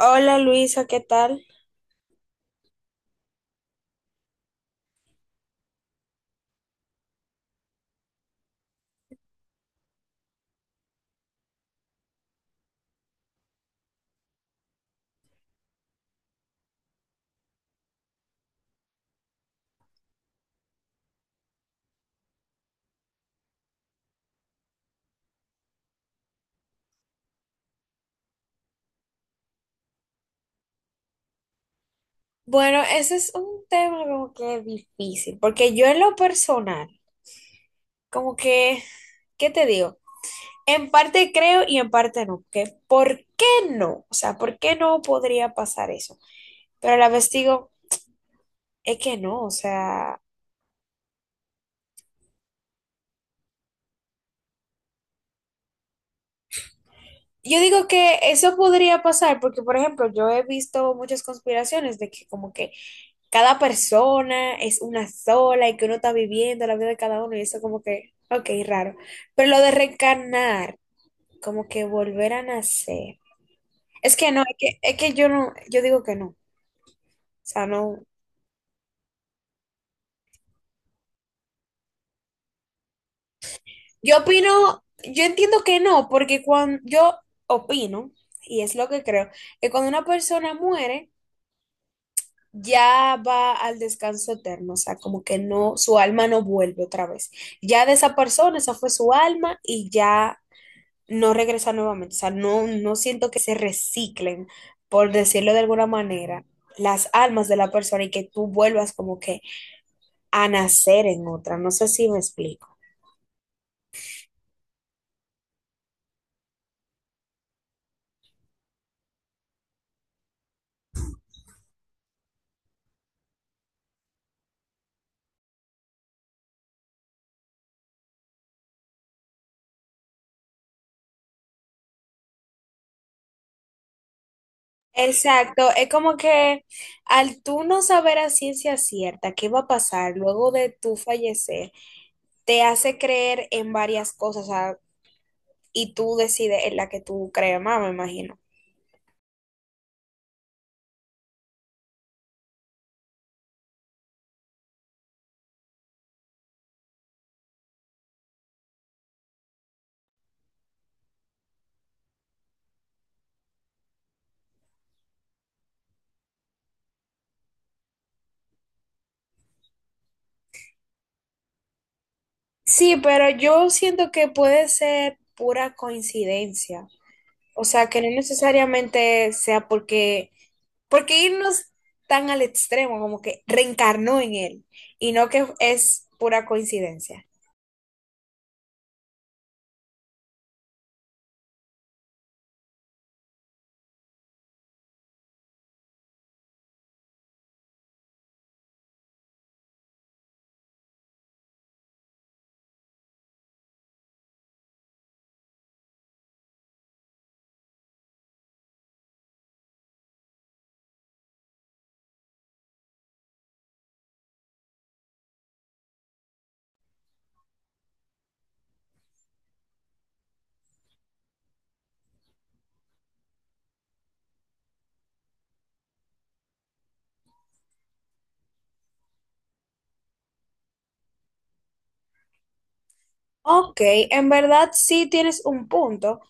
Hola Luisa, ¿qué tal? Bueno, ese es un tema como que difícil, porque yo en lo personal, como que, ¿qué te digo? En parte creo y en parte no, que ¿por qué no? O sea, ¿por qué no podría pasar eso? Pero a la vez digo, es que no, o sea, yo digo que eso podría pasar porque, por ejemplo, yo he visto muchas conspiraciones de que como que cada persona es una sola y que uno está viviendo la vida de cada uno y eso como que, ok, raro. Pero lo de reencarnar, como que volver a nacer. Es que no, es que yo no, yo digo que no. O sea, no. Yo opino, yo entiendo que no, porque cuando yo opino, y es lo que creo, que cuando una persona muere, ya va al descanso eterno, o sea, como que no, su alma no vuelve otra vez. Ya de esa persona, esa fue su alma y ya no regresa nuevamente. O sea, no, no siento que se reciclen, por decirlo de alguna manera, las almas de la persona y que tú vuelvas como que a nacer en otra. No sé si me explico. Exacto, es como que al tú no saber a ciencia cierta qué va a pasar luego de tu fallecer, te hace creer en varias cosas, o sea, y tú decides en la que tú crees más, me imagino. Sí, pero yo siento que puede ser pura coincidencia. O sea, que no necesariamente sea porque, irnos tan al extremo, como que reencarnó en él, y no que es pura coincidencia. Ok, en verdad sí tienes un punto,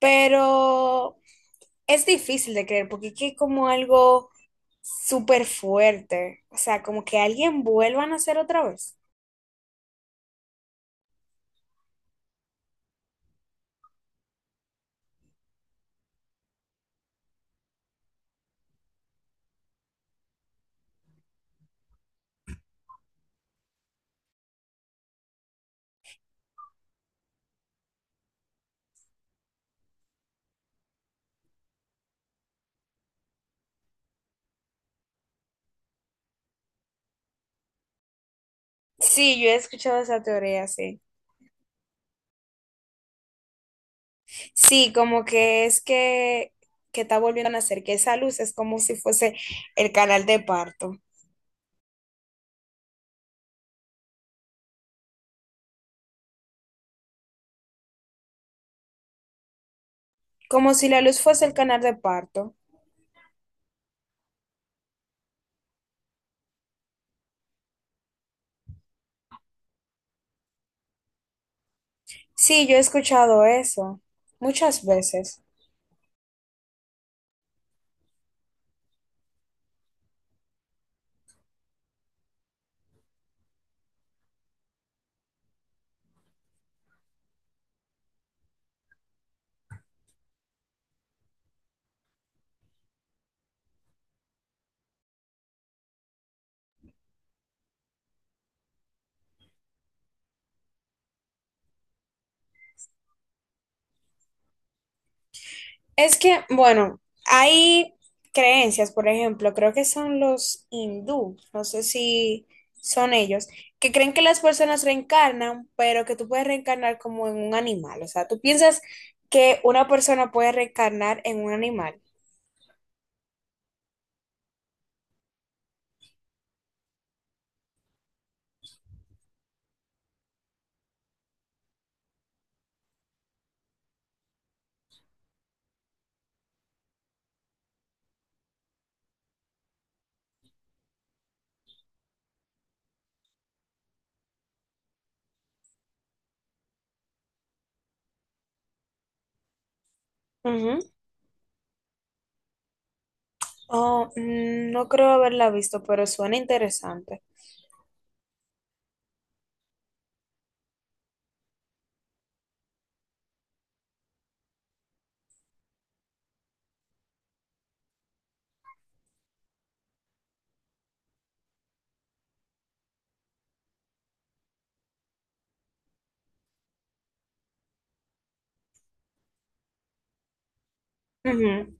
pero es difícil de creer porque es que es como algo súper fuerte, o sea, como que alguien vuelva a nacer otra vez. Sí, yo he escuchado esa teoría, sí. Sí, como que que está volviendo a nacer, que esa luz es como si fuese el canal de parto, como si la luz fuese el canal de parto. Sí, yo he escuchado eso muchas veces. Es que, bueno, hay creencias, por ejemplo, creo que son los hindú, no sé si son ellos, que creen que las personas reencarnan, pero que tú puedes reencarnar como en un animal. O sea, tú piensas que una persona puede reencarnar en un animal. Ujú. Oh, no creo haberla visto, pero suena interesante. Ujú.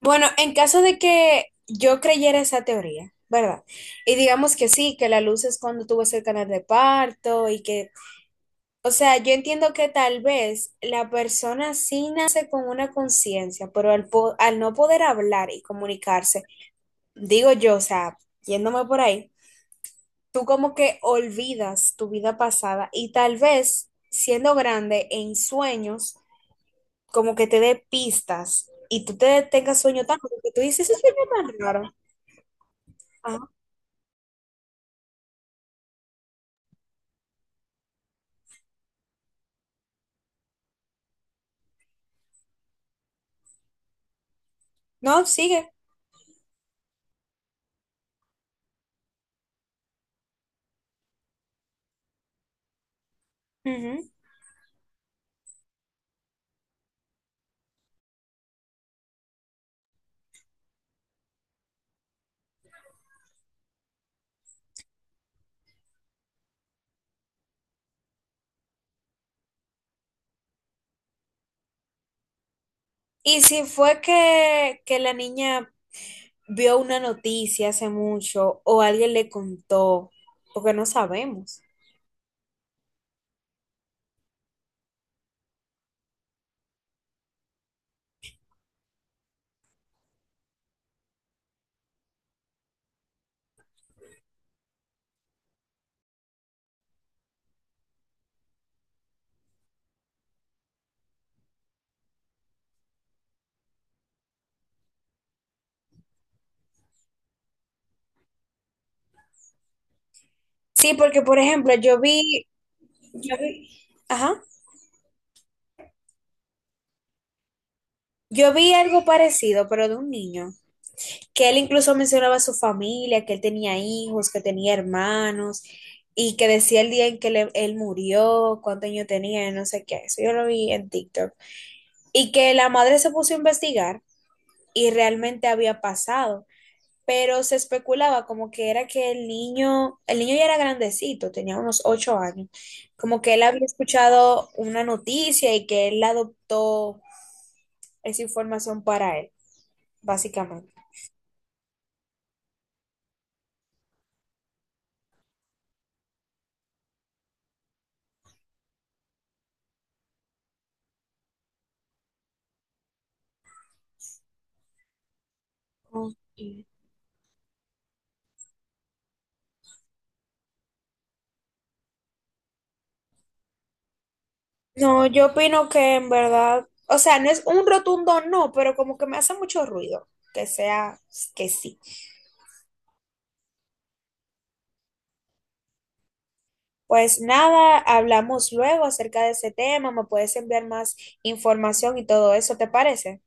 Bueno, en caso de que yo creyera esa teoría, ¿verdad? Y digamos que sí, que la luz es cuando tú vas al canal de parto y que, o sea, yo entiendo que tal vez la persona sí nace con una conciencia, pero al no poder hablar y comunicarse, digo yo, o sea, yéndome por ahí, tú como que olvidas tu vida pasada y tal vez siendo grande en sueños, como que te dé pistas y tú te tengas sueño tan raro que tú dices, ese sueño tan raro. Ajá. No, sigue. Ujú. Y si fue que la niña vio una noticia hace mucho o alguien le contó, porque no sabemos. Sí, porque por ejemplo, yo vi, ajá, yo vi algo parecido, pero de un niño, que él incluso mencionaba a su familia, que él tenía hijos, que tenía hermanos, y que decía el día en que él murió, cuántos años tenía, no sé qué. Eso yo lo vi en TikTok. Y que la madre se puso a investigar y realmente había pasado. Pero se especulaba como que era que el niño ya era grandecito, tenía unos 8 años, como que él había escuchado una noticia y que él adoptó esa información para él, básicamente. Ok. No, yo opino que en verdad, o sea, no es un rotundo no, pero como que me hace mucho ruido que sea que sí. Pues nada, hablamos luego acerca de ese tema, me puedes enviar más información y todo eso, ¿te parece?